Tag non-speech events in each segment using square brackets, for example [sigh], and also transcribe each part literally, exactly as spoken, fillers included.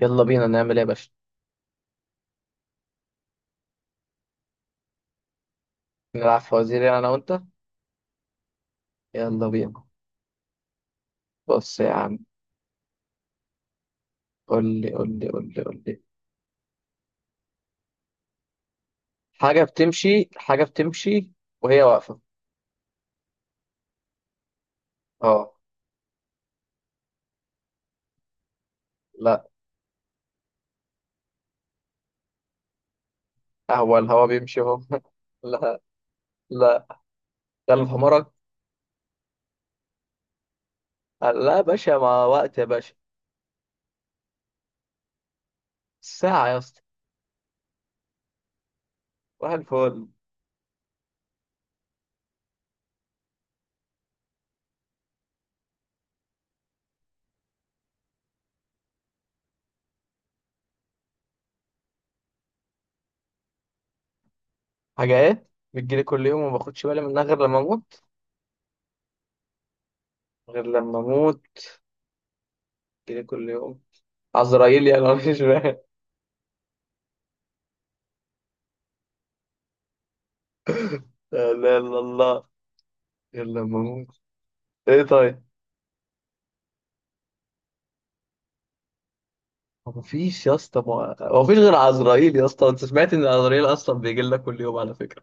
يلا بينا نعمل ايه يا باشا؟ نلعب فوازير يعني انا وانت. يلا بينا. بص يا عم. قول لي قول لي قول لي قول لي حاجة بتمشي. حاجة بتمشي وهي واقفة. اه. لا. هو الهوا بيمشي اهو [laughs] لا لا، قلب حمرك. لا يا باشا، مع وقت يا باشا. ساعة يا اسطى. واحد الفل. حاجات بتجيلي كل يوم وما باخدش بالي منها غير لما اموت، غير لما اموت، بتجيلي كل يوم. عزرائيل يعني [laughs] أنا مش فاهم. لا لا لا لا، غير لما اموت. ايه طيب. هو مفيش يا اسطى، ما- هو مفيش غير عزرائيل يا اسطى. انت سمعت ان عزرائيل اصلا بيجي لنا كل يوم على فكره،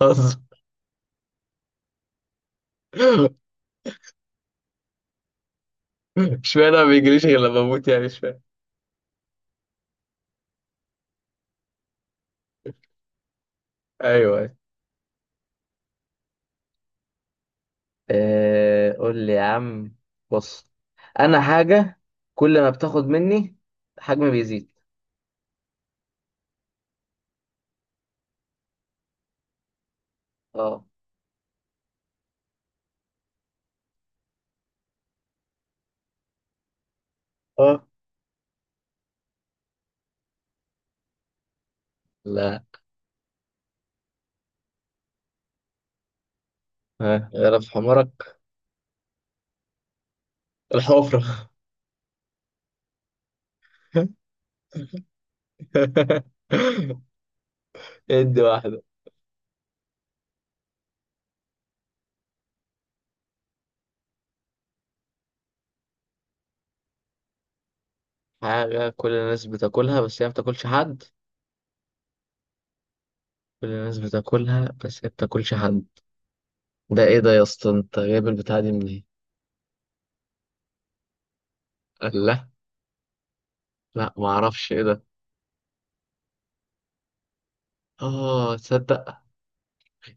اصلا. [laughs] اشمعنى ما بيجيليش غير لما اموت يعني؟ اشمعنى. ايوه. آه، قول لي يا عم. بص، انا حاجة كل ما بتاخد مني حجمي بيزيد. اه. اه. لا. ها، غرف حمرك. الحفرة. [laughs] ادي واحدة. حاجة كل الناس بتاكلها بس هي ما بتاكلش حد. كل الناس بتاكلها بس هي ما بتاكلش حد. ده ايه ده يا اسطى؟ انت جايب البتاعه دي منين؟ قال لا. لا، ما اعرفش ايه ده. اه تصدق؟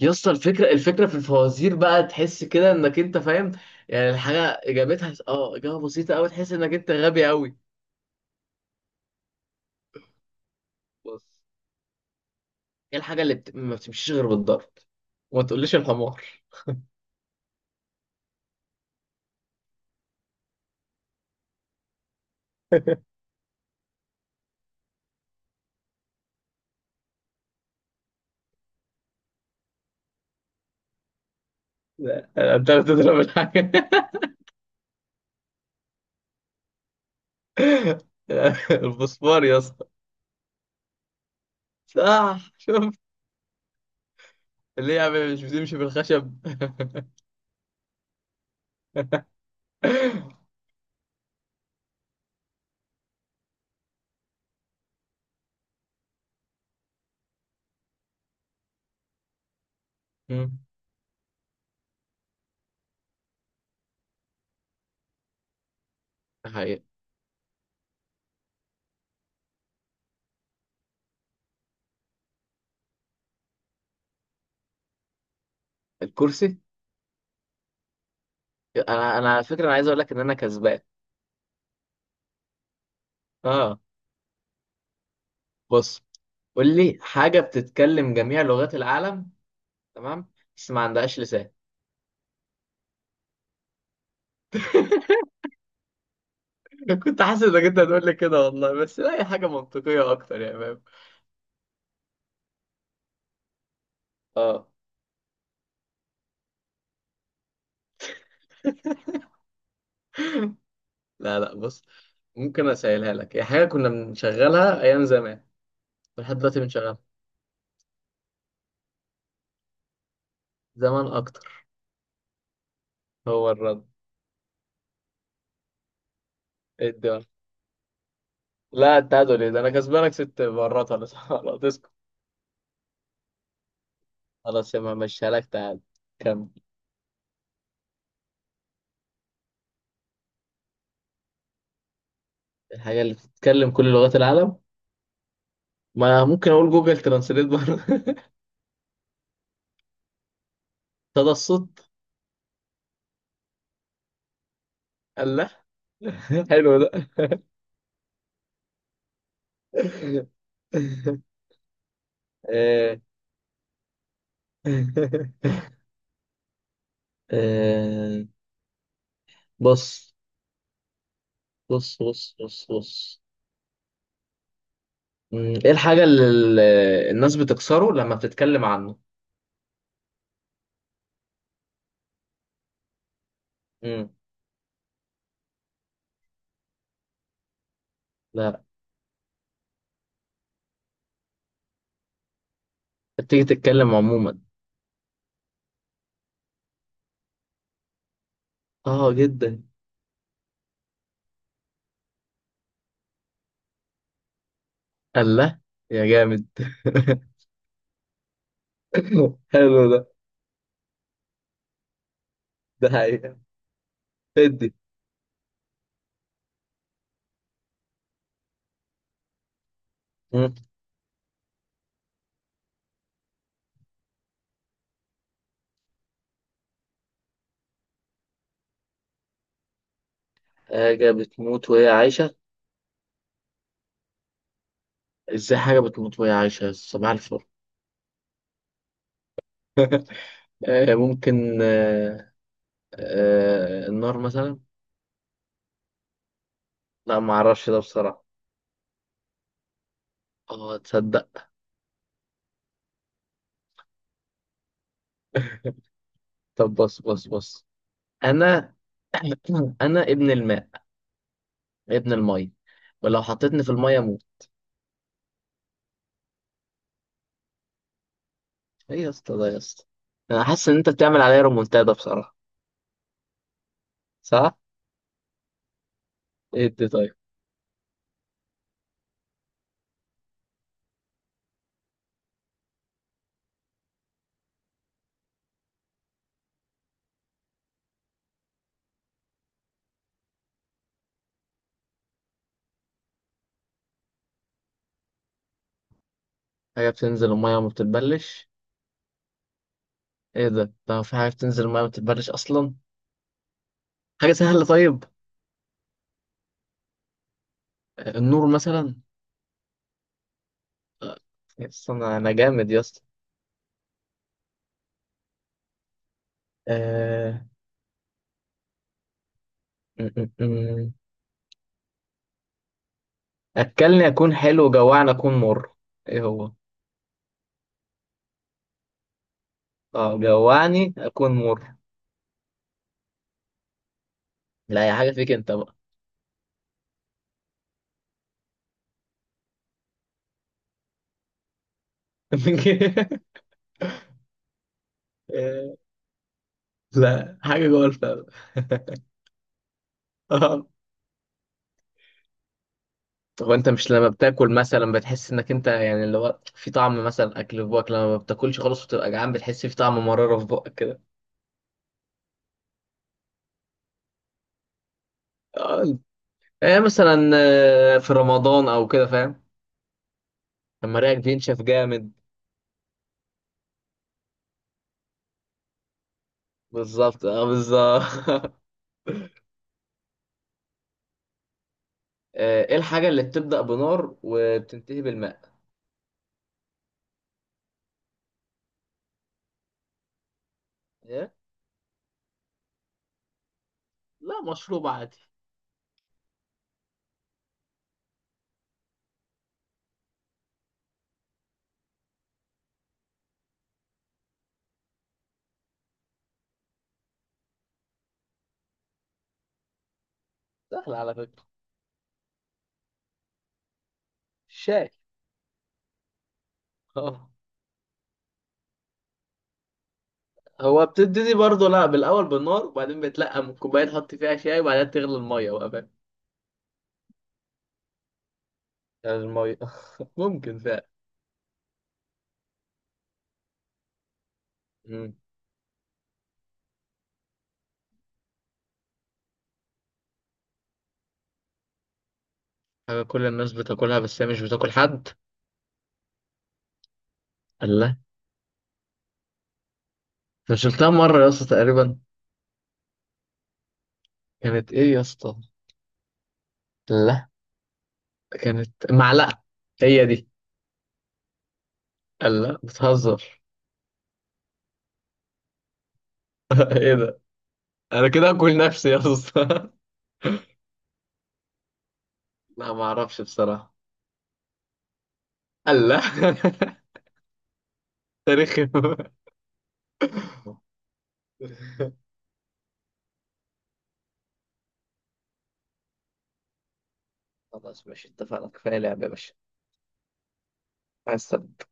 يا اسطى الفكره، الفكره في الفوازير بقى تحس كده انك انت فاهم، يعني الحاجه اجابتها اه اجابه بسيطه قوي تحس انك انت غبي قوي. بص، ايه الحاجه اللي بت... ما بتمشيش غير بالضرب؟ وما تقوليش الحمار. لا، انت بتضرب الحاجه. [laughs] الفوسفور يا اسطى. صح، شوف. ليه يا عم؟ مش بتمشي بالخشب؟ [laughs] مم. ده حقيقة. الكرسي. انا انا على فكره انا عايز اقول لك ان انا كسبان. اه. بص، قول لي حاجه بتتكلم جميع لغات العالم، تمام، بس ما عندهاش لسان. [laughs] كنت حاسس انك انت هتقول لي كده والله، بس لا، هي حاجه منطقيه اكتر، يا فاهم. اه. لا لا بص، ممكن اسهلها لك، هي حاجه كنا بنشغلها ايام زمان ولحد دلوقتي بنشغلها، زمان اكتر. هو الرد. إيه الدنيا. لا التعادل ايه ده؟ انا كسبانك ست مرات، ولا خلاص اسكت. خلاص يا عم، مشيها لك تعادل. كمل. الحاجه اللي بتتكلم كل لغات العالم؟ ما أنا ممكن اقول جوجل ترانسليت برضه [laughs] صدى الصوت. الله. [laughs] حلو ده. [laughs] آه. [laughs] آه. بص بص بص بص بص. مم. ايه الحاجة اللي ال- الناس بتكسره لما بتتكلم عنه؟ مم. لا، بتيجي تتكلم عموما. اه جدا. الله. يا جامد. [laughs] حلو ده. ده حقيقة. ادي. مم. حاجة بتموت وهي عايشة. ازاي حاجة بتموت وهي عايشة؟ صباح الفل. [laughs] آه، ممكن، آه، آه، النار مثلا. لا، ما اعرفش ده بصراحة. اه تصدق؟ طب بص بص بص. انا [clears throat] انا ابن الماء، ابن المية، ولو حطيتني في المية اموت. ايه يا اسطى ده يا اسطى؟ انا حاسس ان انت بتعمل عليا رومونتادا بصراحة. صح. ايه دي طيب؟ حاجة بتنزل المية وما بتتبلش. ايه ده؟ ده في حاجة بتنزل المية وما بتتبلش اصلا؟ حاجة سهلة طيب. آه، النور مثلا. آه، يا اسطى انا، أنا جامد يا اسطى. آه، [laughs] أكلني أكون حلو، جوعني أكون مر. إيه هو؟ أه، جوعني أكون مر. لا يا حاجة، فيك أنت بقى. [laughs] لا، حاجة جوه الفم. [laughs] اه. هو أنت مش لما بتاكل مثلا بتحس إنك أنت يعني اللي هو في طعم مثلا أكل في بقك، لما ما بتاكلش خالص وتبقى جعان بتحس في طعم مرارة في بقك كده. اه، يعني مثلا آه، في رمضان أو كده فاهم؟ لما ريقك بينشف جامد. بالظبط، أه بالظبط. [laughs] آه، إيه الحاجة اللي بتبدأ بنار وبتنتهي بالماء؟ إيه؟ لا، مشروب عادي. سهل على فكرة. الشاي. اه هو بتبتدي برضه، لا، بالأول بالنار وبعدين بتلقى من الكوباية تحط فيها شاي وبعدين تغلي المية بقى فاهم؟ المية. [laughs] ممكن فعلا. مم. حاجة كل الناس بتاكلها بس هي مش بتاكل حد. الله. أنا شلتها مرة يا اسطى تقريبا. كانت إيه يا اسطى؟ الله. كانت معلقة. هي دي. الله بتهزر. [laughs] إيه ده؟ أنا كده أكل نفسي يا اسطى. [laughs] لا، ما أعرفش بصراحة. الله. [laughs] تاريخي. [laughs] خلاص ماشي، اتفقنا، كفاية لعبة يا باشا. عايز.